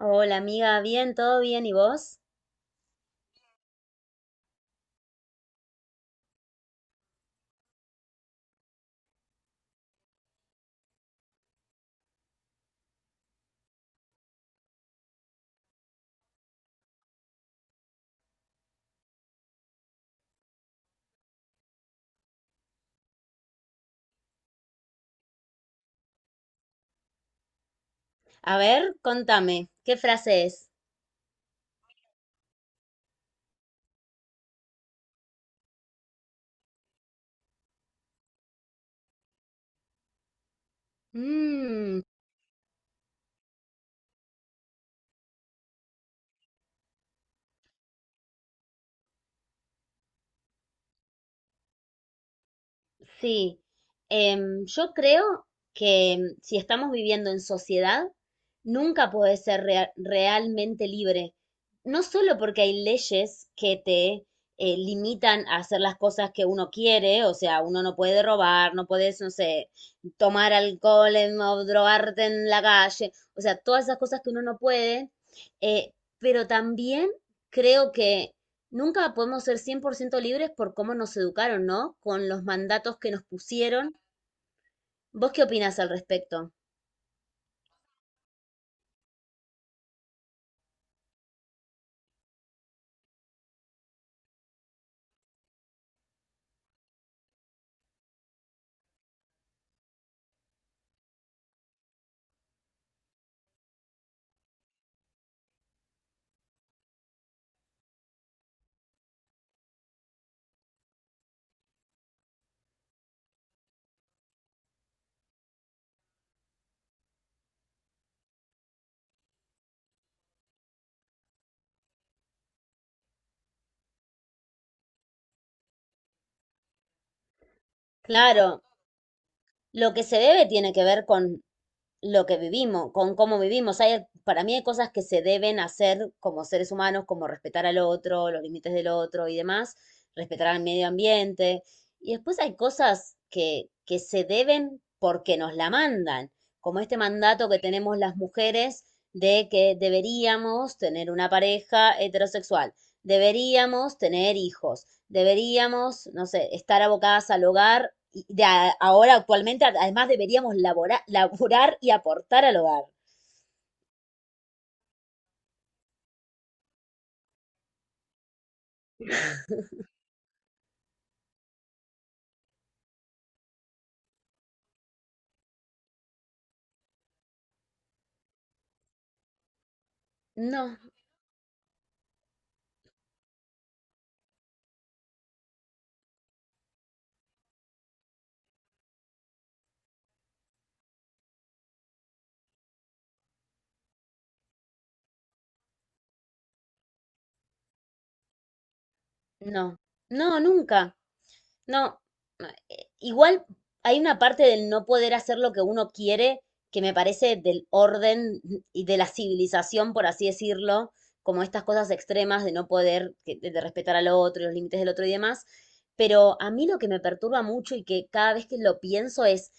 Hola amiga, bien, todo bien, ¿y vos? A ver, contame, ¿qué frase es? Sí, yo creo que si estamos viviendo en sociedad, nunca podés ser realmente libre. No solo porque hay leyes que te limitan a hacer las cosas que uno quiere, o sea, uno no puede robar, no puedes, no sé, tomar alcohol o drogarte en la calle, o sea, todas esas cosas que uno no puede, eh, pero también creo que nunca podemos ser 100% libres por cómo nos educaron, ¿no? Con los mandatos que nos pusieron. ¿Vos qué opinás al respecto? Claro, lo que se debe tiene que ver con lo que vivimos, con cómo vivimos. Hay, para mí hay cosas que se deben hacer como seres humanos, como respetar al otro, los límites del otro y demás, respetar al medio ambiente. Y después hay cosas que se deben porque nos la mandan, como este mandato que tenemos las mujeres de que deberíamos tener una pareja heterosexual, deberíamos tener hijos, deberíamos, no sé, estar abocadas al hogar y ahora actualmente además deberíamos laborar, laborar y aportar al hogar. No, no, no, nunca. No, no, igual hay una parte del no poder hacer lo que uno quiere que me parece del orden y de la civilización, por así decirlo, como estas cosas extremas de no poder, de respetar al otro, y los límites del otro y demás. Pero a mí lo que me perturba mucho y que cada vez que lo pienso es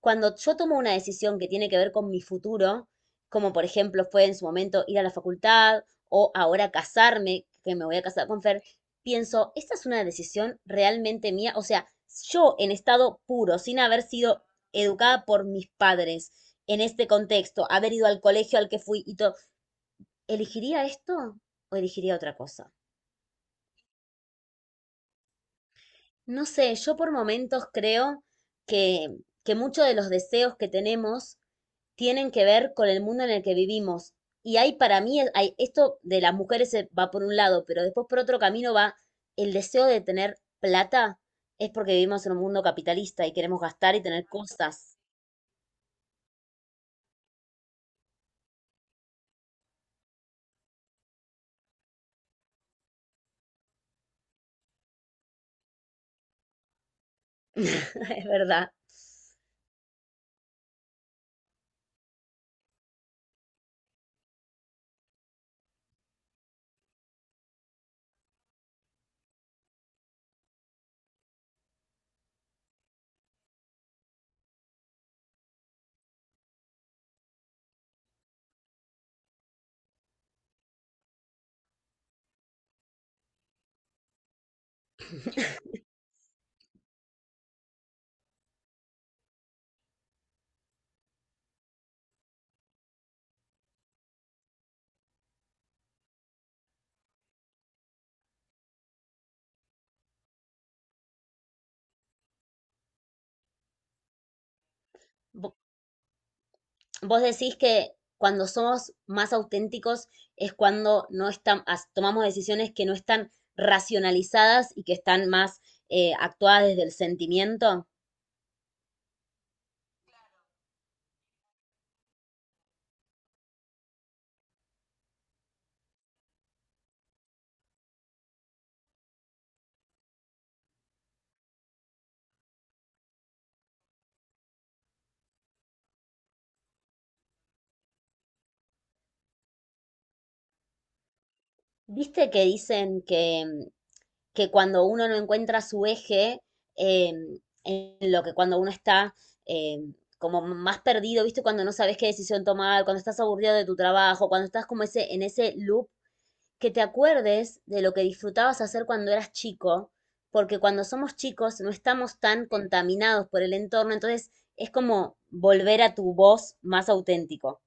cuando yo tomo una decisión que tiene que ver con mi futuro, como por ejemplo fue en su momento ir a la facultad o ahora casarme, que me voy a casar con Fer, pienso, ¿esta es una decisión realmente mía? O sea, yo en estado puro, sin haber sido educada por mis padres en este contexto, haber ido al colegio al que fui y todo, ¿elegiría esto o elegiría otra cosa? No sé, yo por momentos creo que, que muchos de los deseos que tenemos tienen que ver con el mundo en el que vivimos. Y hay para mí, hay, esto de las mujeres va por un lado, pero después por otro camino va el deseo de tener plata, es porque vivimos en un mundo capitalista y queremos gastar y tener cosas. Es verdad. Vo- Vos decís que cuando somos más auténticos es cuando no están, tomamos decisiones que no están racionalizadas y que están más actuadas desde el sentimiento. ¿Viste que dicen que que cuando uno no encuentra su eje, eh, en lo que cuando uno está eh, como más perdido, ¿viste? Cuando no sabes qué decisión tomar, cuando estás aburrido de tu trabajo, cuando estás en ese loop, que te acuerdes de lo que disfrutabas hacer cuando eras chico, porque cuando somos chicos no estamos tan contaminados por el entorno, entonces es como volver a tu voz más auténtico.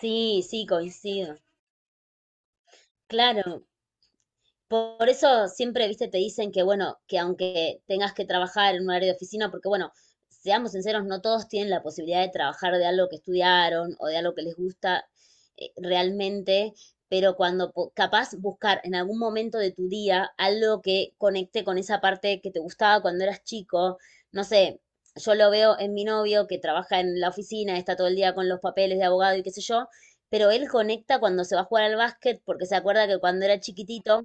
Sí, sí, coincido. Claro, por eso siempre, viste, te dicen que, bueno, que aunque tengas que trabajar en un área de oficina, porque, bueno, seamos sinceros, no todos tienen la posibilidad de trabajar de algo que estudiaron o de algo que les gusta realmente, pero capaz buscar en algún momento de tu día algo que conecte con esa parte que te gustaba cuando eras chico, no sé, yo lo veo en mi novio que trabaja en la oficina, está todo el día con los papeles de abogado y qué sé yo, pero él conecta cuando se va a jugar al básquet porque se acuerda que cuando era chiquitito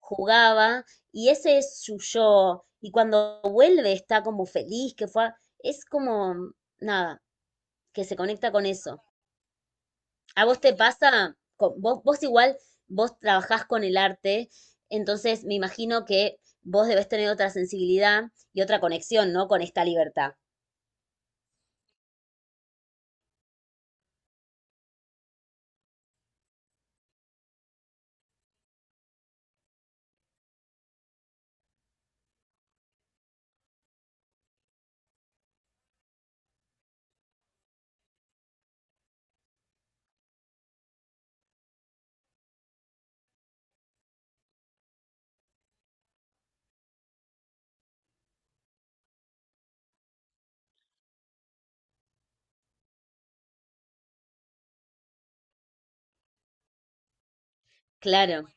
jugaba y ese es su yo. Y cuando vuelve está como feliz, es como, nada, que se conecta con eso. ¿A vos te pasa? Vos igual, vos trabajás con el arte, entonces me imagino que vos debés tener otra sensibilidad y otra conexión, ¿no? Con esta libertad. Claro,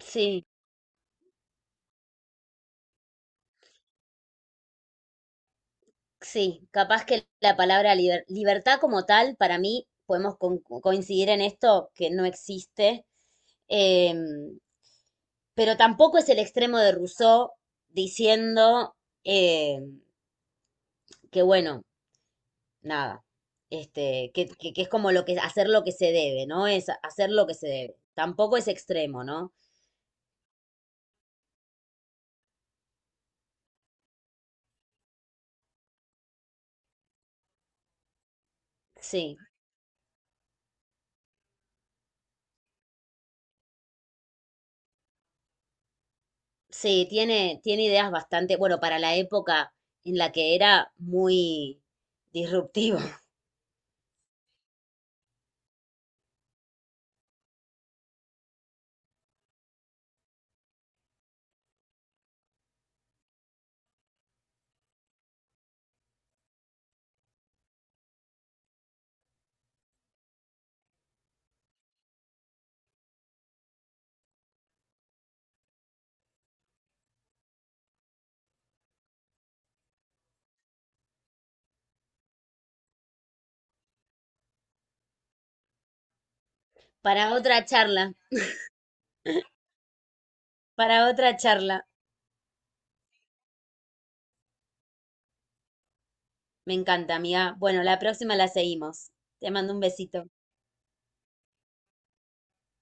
sí, sí, capaz que la palabra libertad como tal, para mí, podemos coincidir en esto, que no existe. Em, pero tampoco es el extremo de Rousseau diciendo eh, que, bueno, nada, este, que es como lo que, hacer lo que se debe, ¿no? Es hacer lo que se debe. Tampoco es extremo, ¿no? Sí, sí, tiene ideas bastante, bueno, para la época en la que era muy disruptivo. Para otra charla, para otra charla. Me encanta, amiga. Bueno, la próxima la seguimos. Te mando un besito.